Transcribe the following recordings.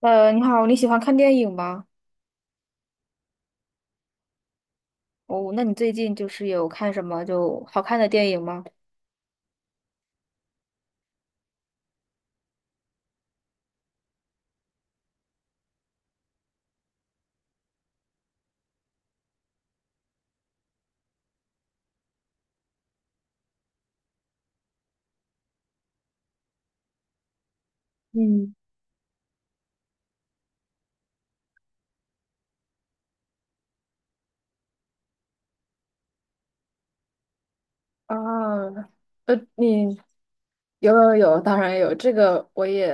你好，你喜欢看电影吗？哦，那你最近就是有看什么就好看的电影吗？嗯。啊。你有，当然有，这个我也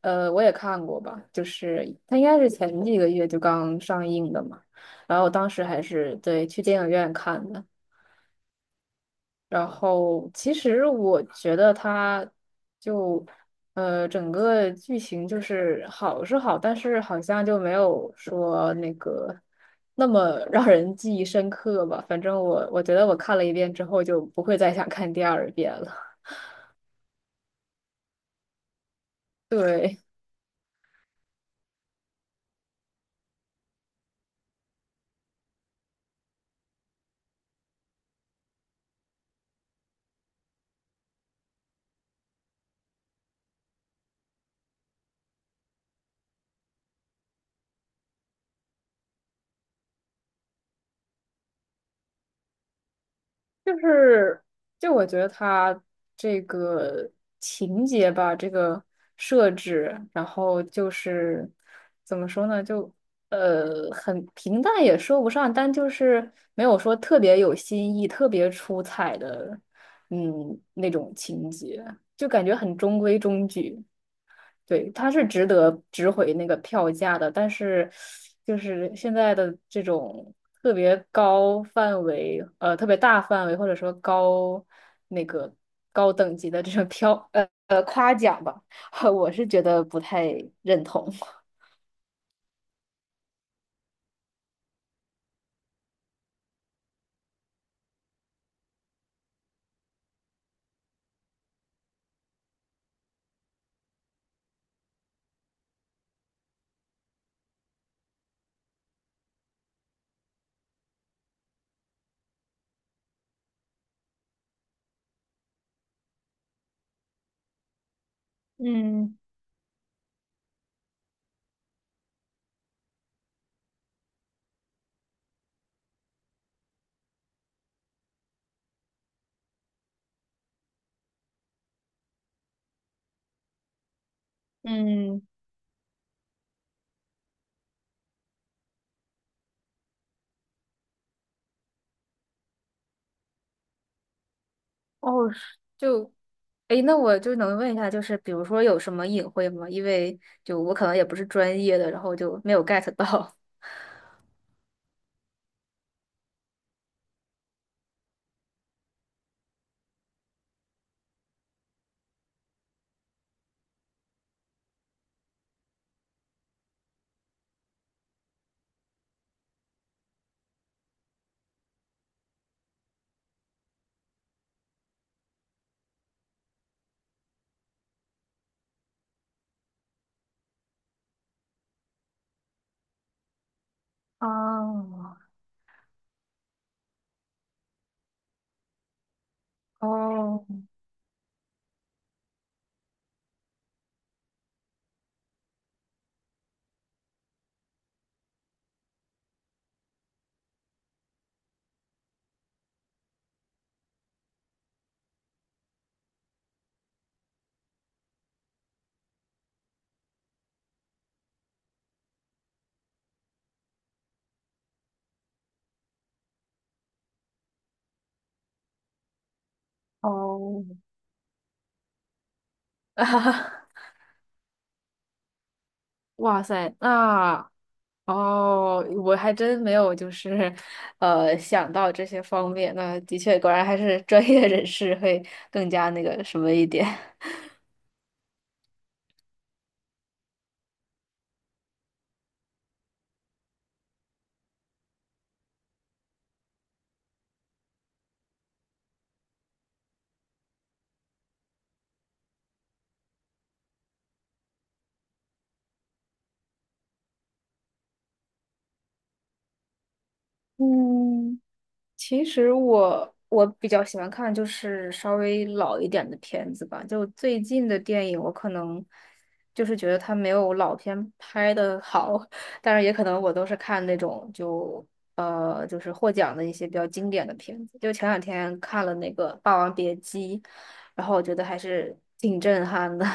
我也看过吧，就是它应该是前几个月就刚上映的嘛，然后我当时还是对去电影院看的，然后其实我觉得它就整个剧情就是好是好，但是好像就没有说那个那么让人记忆深刻吧。反正我觉得我看了一遍之后就不会再想看第二遍了。对。就是，就我觉得它这个情节吧，这个设置，然后就是怎么说呢，就很平淡也说不上，但就是没有说特别有新意、特别出彩的，嗯，那种情节，就感觉很中规中矩。对，它是值得值回那个票价的，但是就是现在的这种特别高范围，特别大范围或者说高那个高等级的这种票，夸奖吧，我是觉得不太认同。嗯嗯，哦，是就诶，那我就能问一下，就是比如说有什么隐晦吗？因为就我可能也不是专业的，然后就没有 get 到。哦哦哦，啊哈哈，啊，哇塞，那哦，我还真没有就是，想到这些方面。那的确，果然还是专业人士会更加那个什么一点。嗯。其实我比较喜欢看就是稍微老一点的片子吧，就最近的电影我可能就是觉得它没有老片拍的好，但是也可能我都是看那种就就是获奖的一些比较经典的片子，就前两天看了那个《霸王别姬》，然后我觉得还是挺震撼的。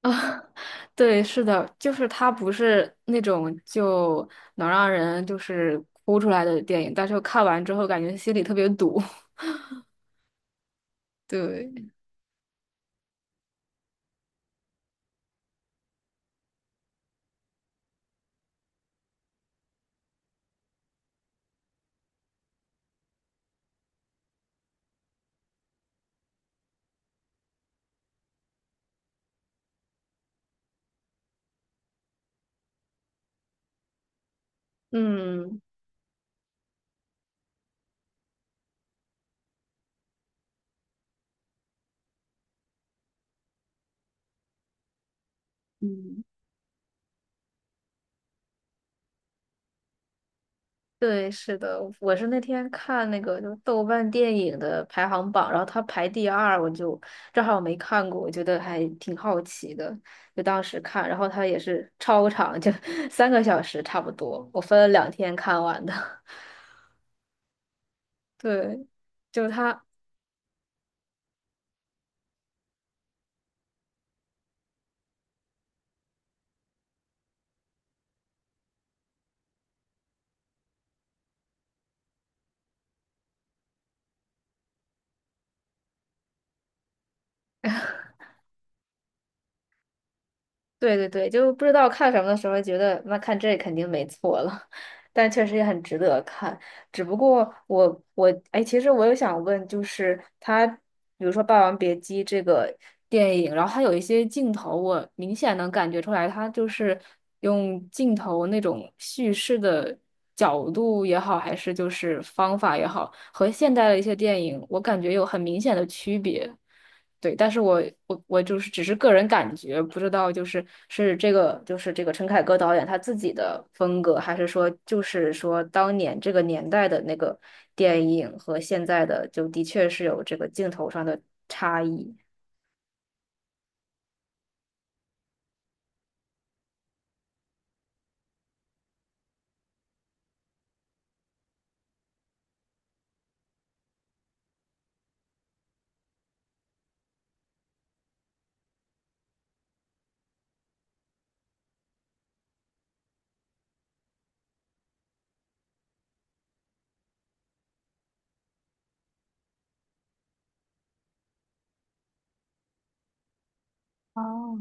啊。对，是的，就是它不是那种就能让人就是哭出来的电影，但是看完之后感觉心里特别堵。对。嗯嗯，对，是的，我是那天看那个就是豆瓣电影的排行榜，然后它排第二，我就正好没看过，我觉得还挺好奇的，就当时看，然后它也是超长，就 三个小时差不多，我分了两天看完的。对，就是它。对，就不知道看什么的时候，觉得那看这肯定没错了，但确实也很值得看。只不过我哎，其实我有想问，就是他，比如说《霸王别姬》这个电影，然后它有一些镜头，我明显能感觉出来，它就是用镜头那种叙事的角度也好，还是就是方法也好，和现代的一些电影，我感觉有很明显的区别。对，但是我就是只是个人感觉，不知道就是是这个就是这个陈凯歌导演他自己的风格，还是说就是说当年这个年代的那个电影和现在的就的确是有这个镜头上的差异。哦。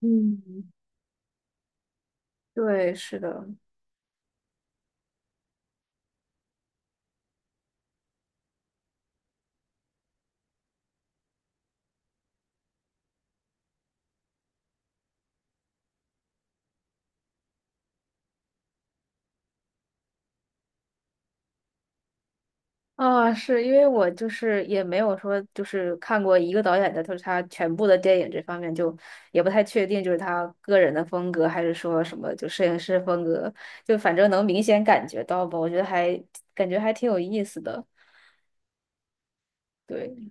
嗯。对，是的。啊，是因为我就是也没有说就是看过一个导演的，就是他全部的电影这方面就也不太确定，就是他个人的风格还是说什么就摄影师风格，就反正能明显感觉到吧，我觉得还感觉还挺有意思的，对。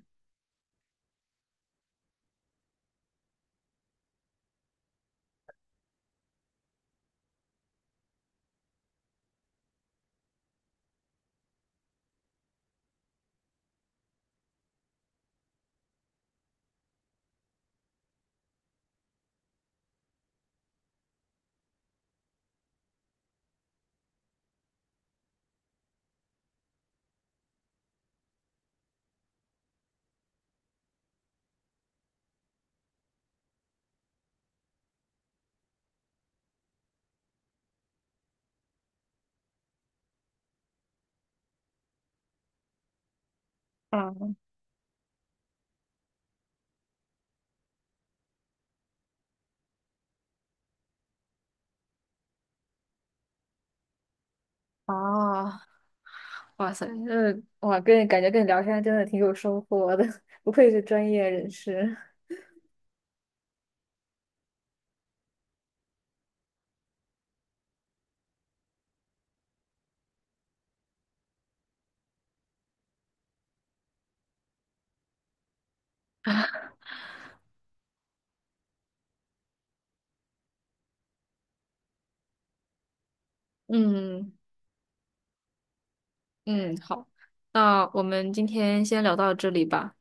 啊啊，哇塞，这哇，跟你感觉跟你聊天真的挺有收获的，不愧是专业人士。嗯嗯，好，那我们今天先聊到这里吧。